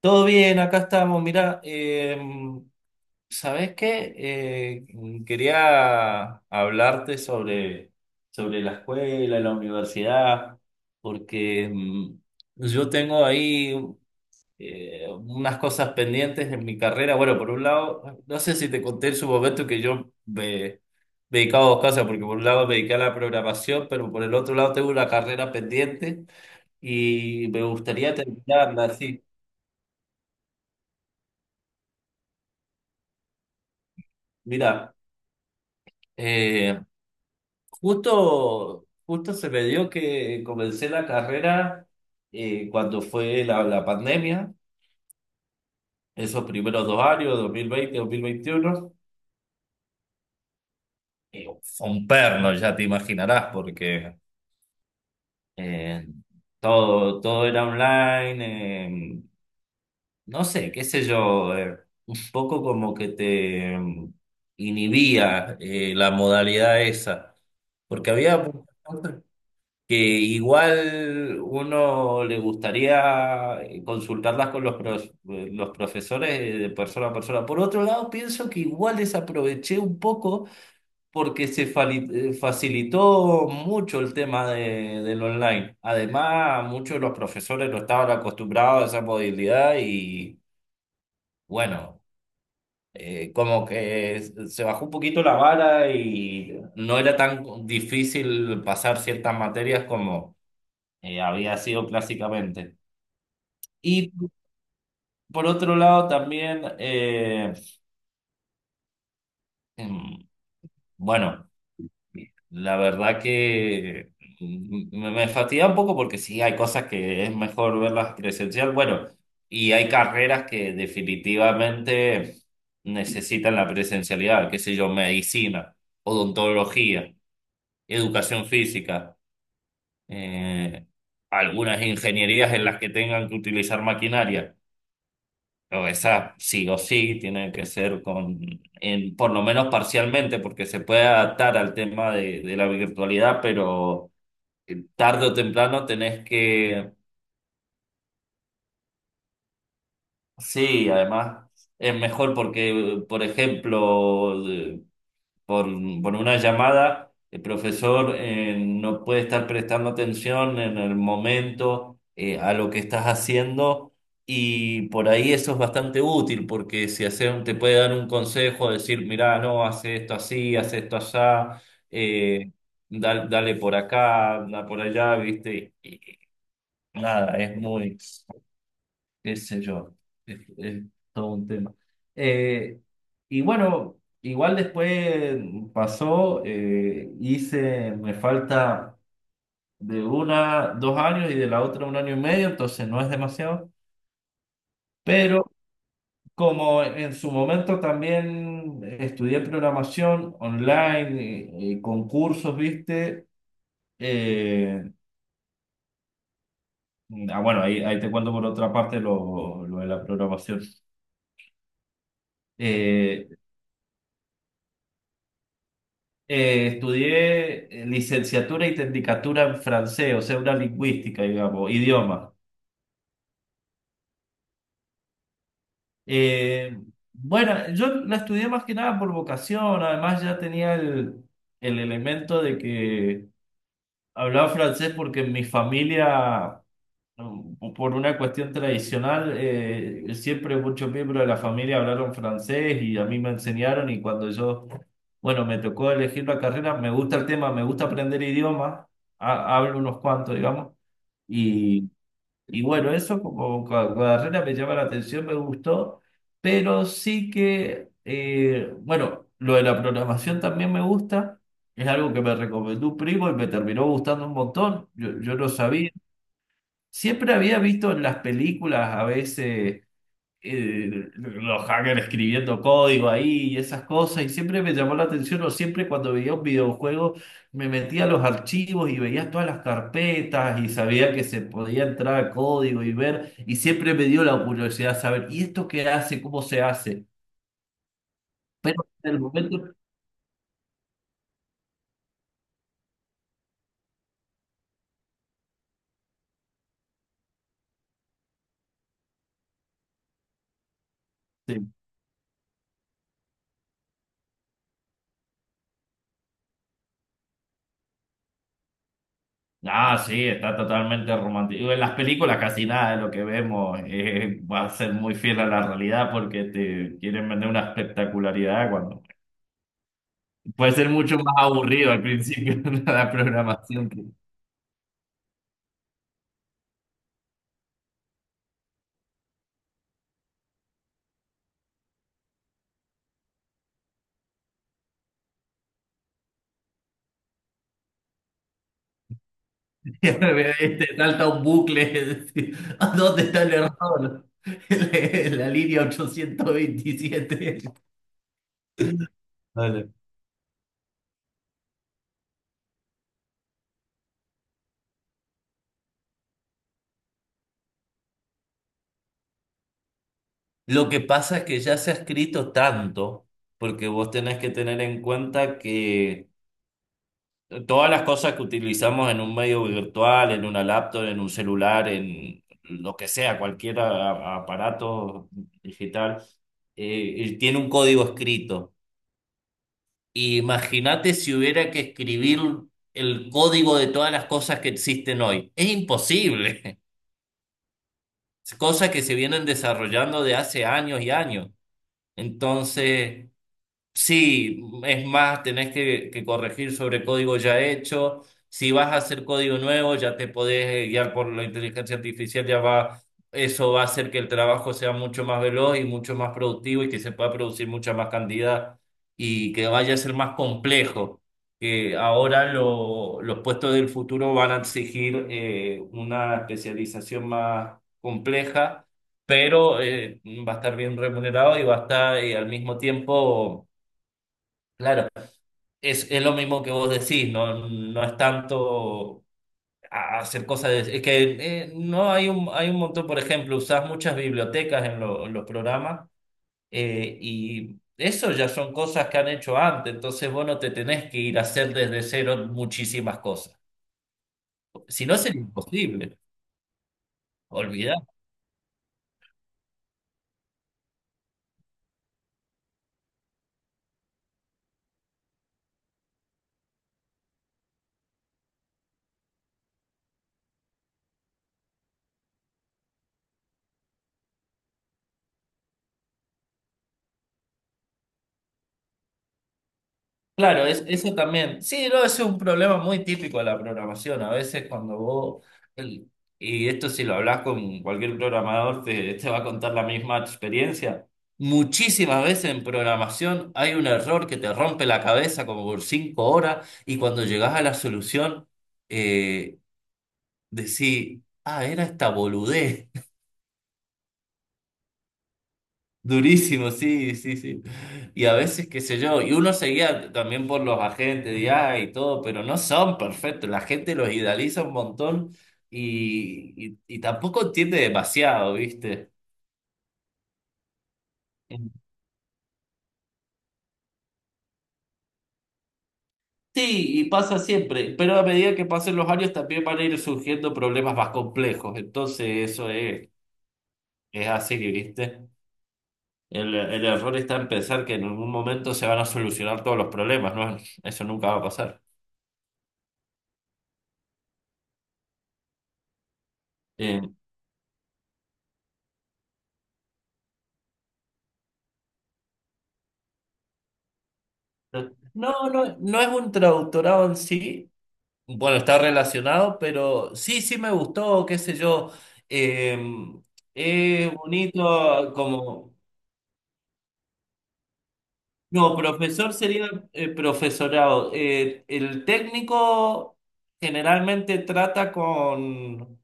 Todo bien, acá estamos. Mirá, ¿sabés qué? Quería hablarte sobre, sobre la escuela, la universidad, porque yo tengo ahí unas cosas pendientes en mi carrera. Bueno, por un lado, no sé si te conté en su momento que me dedicaba a dos cosas, porque por un lado me dediqué a la programación, pero por el otro lado tengo una carrera pendiente y me gustaría terminarla así. Mira. Justo se me dio que comencé la carrera cuando fue la pandemia, esos primeros 2 años, 2020, 2021. Fue un perno, ya te imaginarás, porque eh, todo era online, no sé, qué sé yo, un poco como que te inhibía, la modalidad esa, porque había muchas cosas que igual uno le gustaría consultarlas con los profesores de persona a persona. Por otro lado, pienso que igual desaproveché un poco porque facilitó mucho el tema del online. Además, muchos de los profesores no estaban acostumbrados a esa modalidad y bueno, como que se bajó un poquito la vara y no era tan difícil pasar ciertas materias como había sido clásicamente. Y por otro lado también, em, bueno, la verdad que me fatiga un poco porque sí, hay cosas que es mejor verlas presencial. Bueno, y hay carreras que definitivamente necesitan la presencialidad, qué sé yo, medicina, odontología, educación física, eh, algunas ingenierías en las que tengan que utilizar maquinaria. Pero esa sí o sí tiene que ser en, por lo menos parcialmente, porque se puede adaptar al tema de la virtualidad, pero tarde o temprano tenés que, sí, además es mejor porque, por ejemplo, por, por una llamada, el profesor no puede estar prestando atención en el momento a lo que estás haciendo, y por ahí eso es bastante útil porque si hacer, te puede dar un consejo, decir, mirá, no, hace esto así, hace esto allá, eh, dale por acá, anda por allá, ¿viste? Y nada, es muy, qué sé yo, es todo un tema. Eh, y bueno, igual después pasó, hice, me falta de una, 2 años y de la otra un año y medio, entonces no es demasiado, pero como en su momento también estudié programación online y con cursos, viste. Eh, bueno, ahí te cuento por otra parte lo de la programación. Eh, Estudié licenciatura y tecnicatura en francés, o sea, una lingüística, digamos, idioma. Eh, bueno, yo la estudié más que nada por vocación, además ya tenía el elemento de que hablaba francés porque en mi familia, bueno, por una cuestión tradicional, siempre muchos miembros de la familia hablaron francés y a mí me enseñaron. Y cuando yo, bueno, me tocó elegir la carrera, me gusta el tema, me gusta aprender idiomas, hablo unos cuantos, digamos, y, y bueno, eso como carrera me llama la atención, me gustó, pero sí que, bueno, lo de la programación también me gusta, es algo que me recomendó un primo y me terminó gustando un montón, yo no sabía. Siempre había visto en las películas a veces eh, los hackers escribiendo código ahí y esas cosas, y siempre me llamó la atención, o siempre cuando veía un videojuego me metía a los archivos y veía todas las carpetas y sabía que se podía entrar a código y ver, y siempre me dio la curiosidad saber, ¿y esto qué hace? ¿Cómo se hace? En el momento. Sí. Ah, sí, está totalmente romántico. En las películas casi nada de lo que vemos va a ser muy fiel a la realidad porque te quieren vender una espectacularidad, cuando puede ser mucho más aburrido al principio la programación que te salta un bucle. Decir, ¿a dónde está el error? En línea 827. Dale. Lo que pasa es que ya se ha escrito tanto, porque vos tenés que tener en cuenta que todas las cosas que utilizamos en un medio virtual, en una laptop, en un celular, en lo que sea, cualquier aparato digital, tiene un código escrito. Imagínate si hubiera que escribir el código de todas las cosas que existen hoy. Es imposible. Cosas que se vienen desarrollando de hace años y años. Entonces, sí, es más, tenés que corregir sobre código ya hecho. Si vas a hacer código nuevo, ya te podés guiar por la inteligencia artificial. Ya va, eso va a hacer que el trabajo sea mucho más veloz y mucho más productivo y que se pueda producir mucha más cantidad y que vaya a ser más complejo. Que ahora los puestos del futuro van a exigir una especialización más compleja, pero va a estar bien remunerado y va a estar, al mismo tiempo, claro, es lo mismo que vos decís, no, no es tanto hacer cosas, es que no hay hay un montón, por ejemplo, usás muchas bibliotecas en los programas, y eso ya son cosas que han hecho antes, entonces vos no te tenés que ir a hacer desde cero muchísimas cosas, si no sería imposible, olvidar. Claro, es, eso también. Sí, no, ese es un problema muy típico de la programación. A veces cuando vos, el- y esto si lo hablas con cualquier programador, te va a contar la misma experiencia. Muchísimas veces en programación hay un error que te rompe la cabeza como por 5 horas y cuando llegás a la solución, eh, decís, ah, era esta boludez. Durísimo, sí, sí, sí. Y a veces, qué sé yo, y uno seguía también por los agentes de IA y todo, pero no son perfectos. La gente los idealiza un montón y tampoco entiende demasiado, ¿viste? Sí, y pasa siempre, pero a medida que pasen los años también van a ir surgiendo problemas más complejos. Entonces, eso es así, ¿viste? El error está en pensar que en algún momento se van a solucionar todos los problemas, ¿no? Eso nunca va a pasar. Eh, No, no, no es un traductorado en sí. Bueno, está relacionado, pero sí, sí me gustó, qué sé yo. Eh, es bonito como... No, profesor sería, profesorado. El técnico generalmente trata con,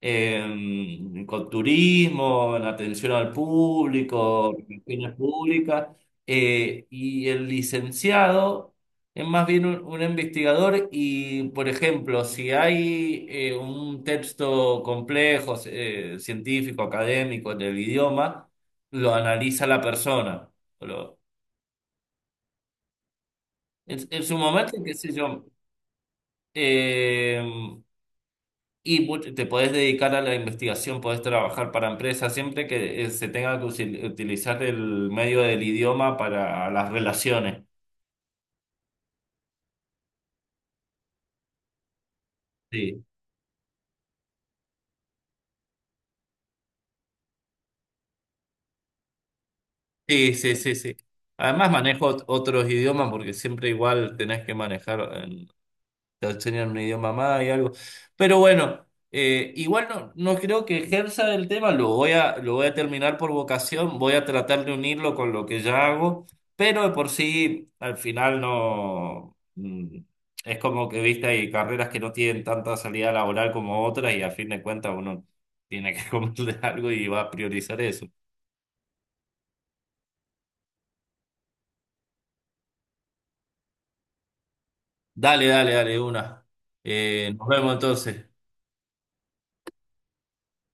eh, con turismo, en atención al público, relaciones públicas, y el licenciado es más bien un investigador y, por ejemplo, si hay un texto complejo, científico, académico del idioma, lo analiza la persona. Lo- en su momento, qué sé yo, eh, y te podés dedicar a la investigación, podés trabajar para empresas, siempre que se tenga que utilizar el medio del idioma para las relaciones. Sí, sí, sí, sí, sí. Además manejo otros idiomas porque siempre igual tenés que manejar, te enseñan un idioma más y algo. Pero bueno, igual no, no creo que ejerza el tema, lo voy a terminar por vocación, voy a tratar de unirlo con lo que ya hago, pero de por sí al final no... Es como que, viste, hay carreras que no tienen tanta salida laboral como otras y a fin de cuentas uno tiene que comer de algo y va a priorizar eso. Dale, dale, dale, una. Nos vemos entonces.